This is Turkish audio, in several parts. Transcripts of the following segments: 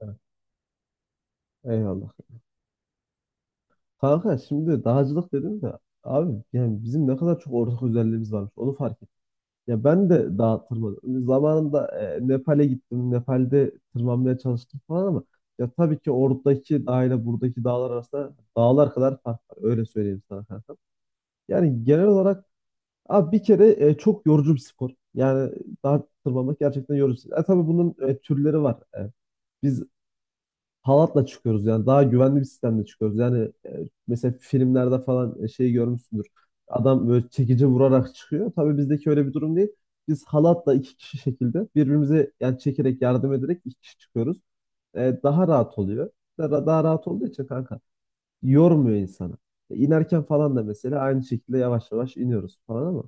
Evet. Eyvallah. Kanka şimdi dağcılık dedim de abi, yani bizim ne kadar çok ortak özelliğimiz varmış onu fark ettim. Ya ben de dağa tırmanıyorum. Zamanında Nepal'e gittim. Nepal'de tırmanmaya çalıştım falan ama ya tabii ki oradaki dağ ile buradaki dağlar arasında dağlar kadar fark var. Öyle söyleyeyim sana kanka. Yani genel olarak abi bir kere çok yorucu bir spor. Yani dağ tırmanmak gerçekten yorucu. Tabii bunun türleri var. Biz halatla çıkıyoruz, yani daha güvenli bir sistemle çıkıyoruz. Yani mesela filmlerde falan şey görmüşsündür. Adam böyle çekici vurarak çıkıyor. Tabii bizdeki öyle bir durum değil. Biz halatla iki kişi şekilde birbirimize yani çekerek yardım ederek iki kişi çıkıyoruz. Daha rahat oluyor. Daha rahat olduğu için kanka yormuyor insanı. E, inerken falan da mesela aynı şekilde yavaş yavaş iniyoruz falan ama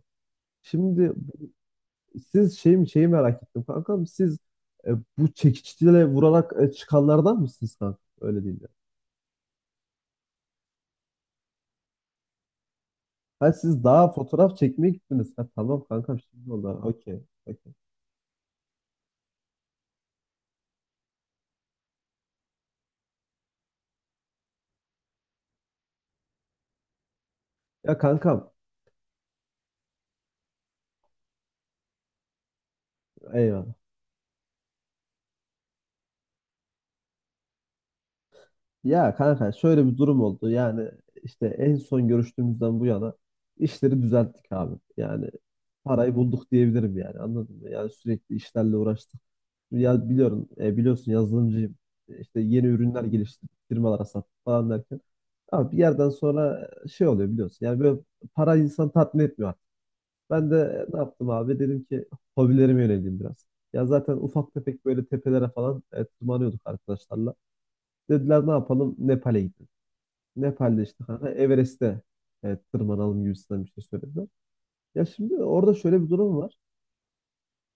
şimdi siz şey mi şeyi merak ettim kankam, siz e, bu çekiçle vurarak çıkanlardan mısınız kanka? Öyle değil. Ha siz daha fotoğraf çekmeye gittiniz. Ha tamam kankam, şimdi oldu. Okey. Okey. Ya kankam, eyvallah. Ya kanka, şöyle bir durum oldu. Yani işte en son görüştüğümüzden bu yana işleri düzelttik abi. Yani parayı bulduk diyebilirim, yani anladın mı? Yani sürekli işlerle uğraştık. Ya biliyorum, biliyorsun yazılımcıyım. İşte yeni ürünler geliştirdik, firmalara sattık falan derken. Abi bir yerden sonra şey oluyor biliyorsun. Yani böyle para insan tatmin etmiyor. Ben de ne yaptım abi? Dedim ki hobilerime yöneleyim biraz. Ya zaten ufak tefek böyle tepelere falan tırmanıyorduk arkadaşlarla. Dediler ne yapalım? Nepal'e gidelim. Nepal'de işte kanka Everest'e tırmanalım gibisinden bir şey söylediler. Ya şimdi orada şöyle bir durum var.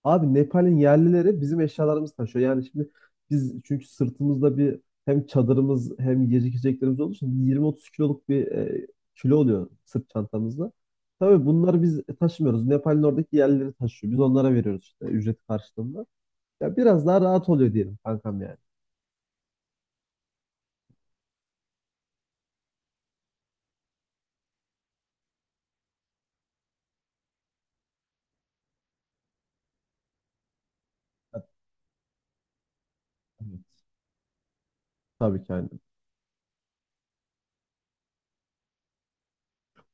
Abi Nepal'in yerlileri bizim eşyalarımızı taşıyor. Yani şimdi biz çünkü sırtımızda bir hem çadırımız hem yiyecek içeceklerimiz olduğu için yirmi otuz kiloluk bir kilo oluyor sırt çantamızda. Tabii bunları biz taşımıyoruz. Nepal'in oradaki yerlileri taşıyor. Biz onlara veriyoruz işte ücret karşılığında. Ya biraz daha rahat oluyor diyelim kankam, yani. Evet. Tabii ki aynen.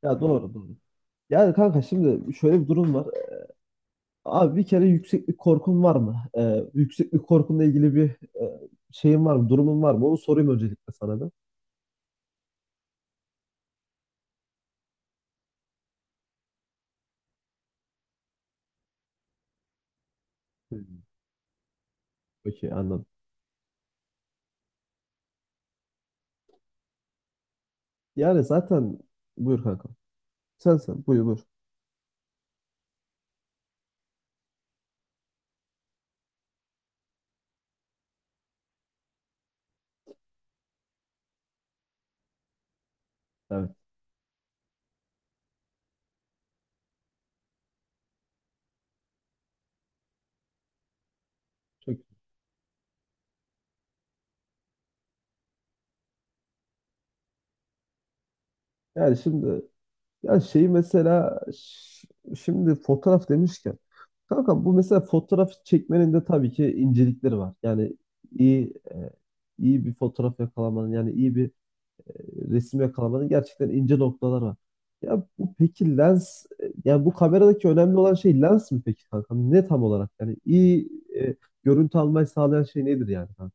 Ya doğru doğru. Yani kanka şimdi şöyle bir durum var. Abi bir kere yükseklik korkun var mı? Yükseklik korkunla ilgili bir e, şeyin var mı? Durumun var mı? Onu sorayım öncelikle sana da. Hmm. Okey, anladım. Yani zaten, buyur kanka. Sen buyur buyur. Evet. Çok. Yani şimdi yani şeyi mesela şimdi fotoğraf demişken kanka bu mesela fotoğraf çekmenin de tabii ki incelikleri var. Yani iyi e, iyi bir fotoğraf yakalamanın, yani iyi bir e, resim yakalamada gerçekten ince noktalar var. Ya bu peki lens, yani bu kameradaki önemli olan şey lens mi peki kanka? Ne tam olarak? Yani iyi e, görüntü almayı sağlayan şey nedir yani kanka?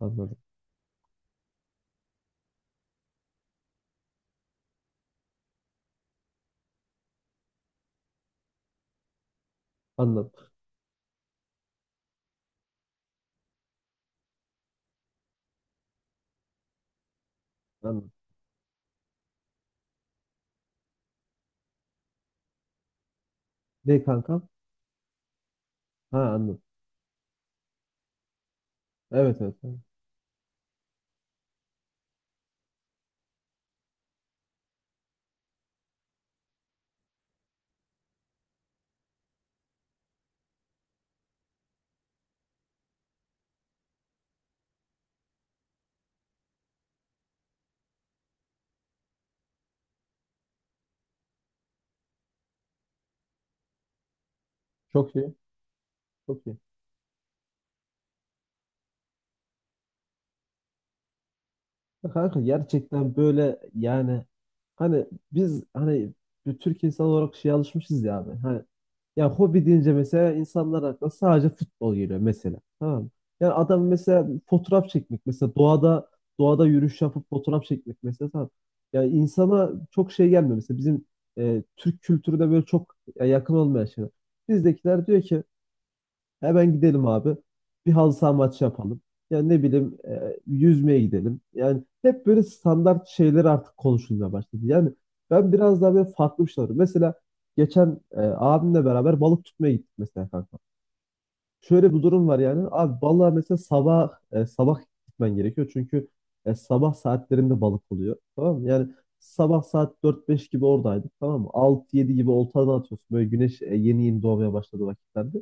Anladım. Anladım. Anladım. Ne kanka? Ha anladım. Evet evet. Evet. Çok iyi. Çok iyi. Ya kanka gerçekten böyle yani hani biz hani bir Türk insan olarak şeye alışmışız ya abi. Hani ya hobi deyince mesela insanlar aklına sadece futbol geliyor mesela. Tamam mı? Yani adam mesela fotoğraf çekmek mesela doğada yürüyüş yapıp fotoğraf çekmek mesela tamam. Yani insana çok şey gelmiyor mesela bizim Türk kültürüne böyle çok yakın olmayan şeyler. Bizdekiler diyor ki hemen gidelim abi. Bir halı saha maçı yapalım. Yani ne bileyim yüzmeye gidelim. Yani hep böyle standart şeyler artık konuşulmaya başladı. Yani ben biraz daha böyle farklı bir şey arıyorum. Mesela geçen abimle beraber balık tutmaya gittik mesela kanka. Şöyle bir durum var yani. Abi balığa mesela sabah gitmen gerekiyor. Çünkü sabah saatlerinde balık oluyor. Tamam mı? Yani sabah saat dört beş gibi oradaydık. Tamam mı? 6 yedi gibi oltadan atıyorsun. Böyle güneş yeni yeni doğmaya başladı vakitlerde.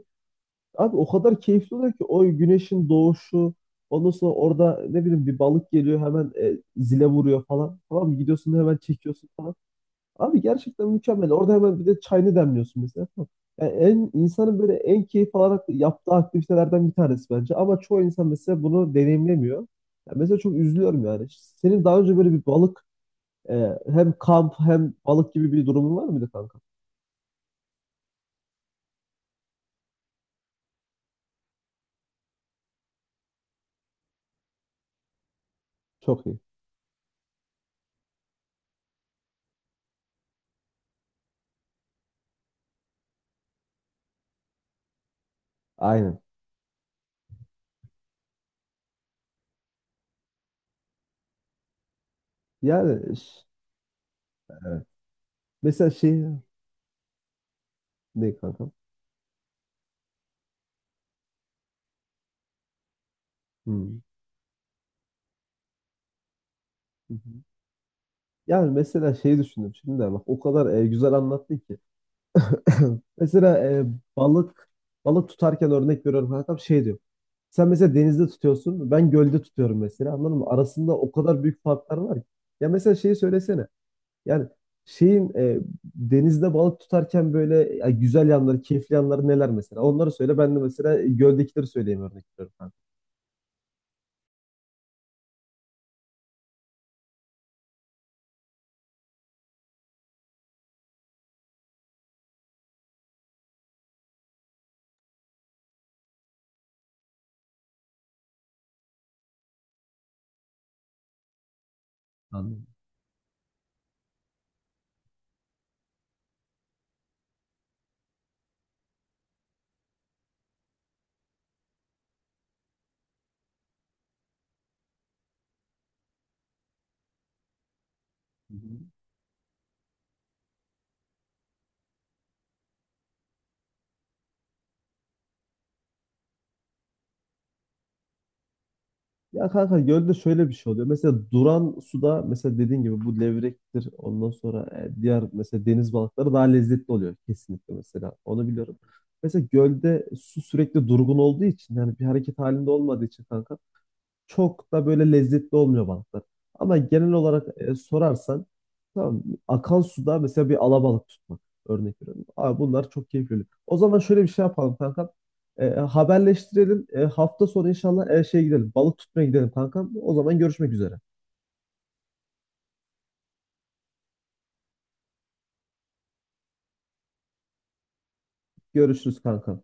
Abi o kadar keyifli oluyor ki o güneşin doğuşu, ondan sonra orada ne bileyim bir balık geliyor hemen zile vuruyor falan. Tamam mı? Gidiyorsun hemen çekiyorsun falan. Abi gerçekten mükemmel. Orada hemen bir de çayını demliyorsun mesela. Tamam. Yani en insanın böyle en keyif alarak yaptığı aktivitelerden bir tanesi bence. Ama çoğu insan mesela bunu deneyimlemiyor. Yani mesela çok üzülüyorum yani. Senin daha önce böyle bir balık hem kamp hem balık gibi bir durumun var mıydı kanka? Çok iyi. Aynen. Yani evet. Mesela şey ne kanka? Hmm. Hı hı. Yani mesela şeyi düşündüm şimdi de bak o kadar güzel anlattı ki. Mesela balık balık tutarken örnek veriyorum kankam şey diyor. Sen mesela denizde tutuyorsun, ben gölde tutuyorum mesela, anladın mı? Arasında o kadar büyük farklar var ki. Ya mesela şeyi söylesene. Yani şeyin denizde balık tutarken böyle ya güzel yanları, keyifli yanları neler mesela? Onları söyle, ben de mesela göldekileri söyleyeyim örnek veriyorum kankam. Anladım. Ya kanka gölde şöyle bir şey oluyor. Mesela duran suda mesela dediğin gibi bu levrektir. Ondan sonra diğer mesela deniz balıkları daha lezzetli oluyor kesinlikle mesela. Onu biliyorum. Mesela gölde su sürekli durgun olduğu için, yani bir hareket halinde olmadığı için kanka çok da böyle lezzetli olmuyor balıklar. Ama genel olarak sorarsan, tamam mı? Akan suda mesela bir alabalık tutmak örnek veriyorum. Abi bunlar çok keyifli. O zaman şöyle bir şey yapalım kankam. Haberleştirelim. Hafta sonu inşallah şey gidelim. Balık tutmaya gidelim kankam. O zaman görüşmek üzere. Görüşürüz kankam.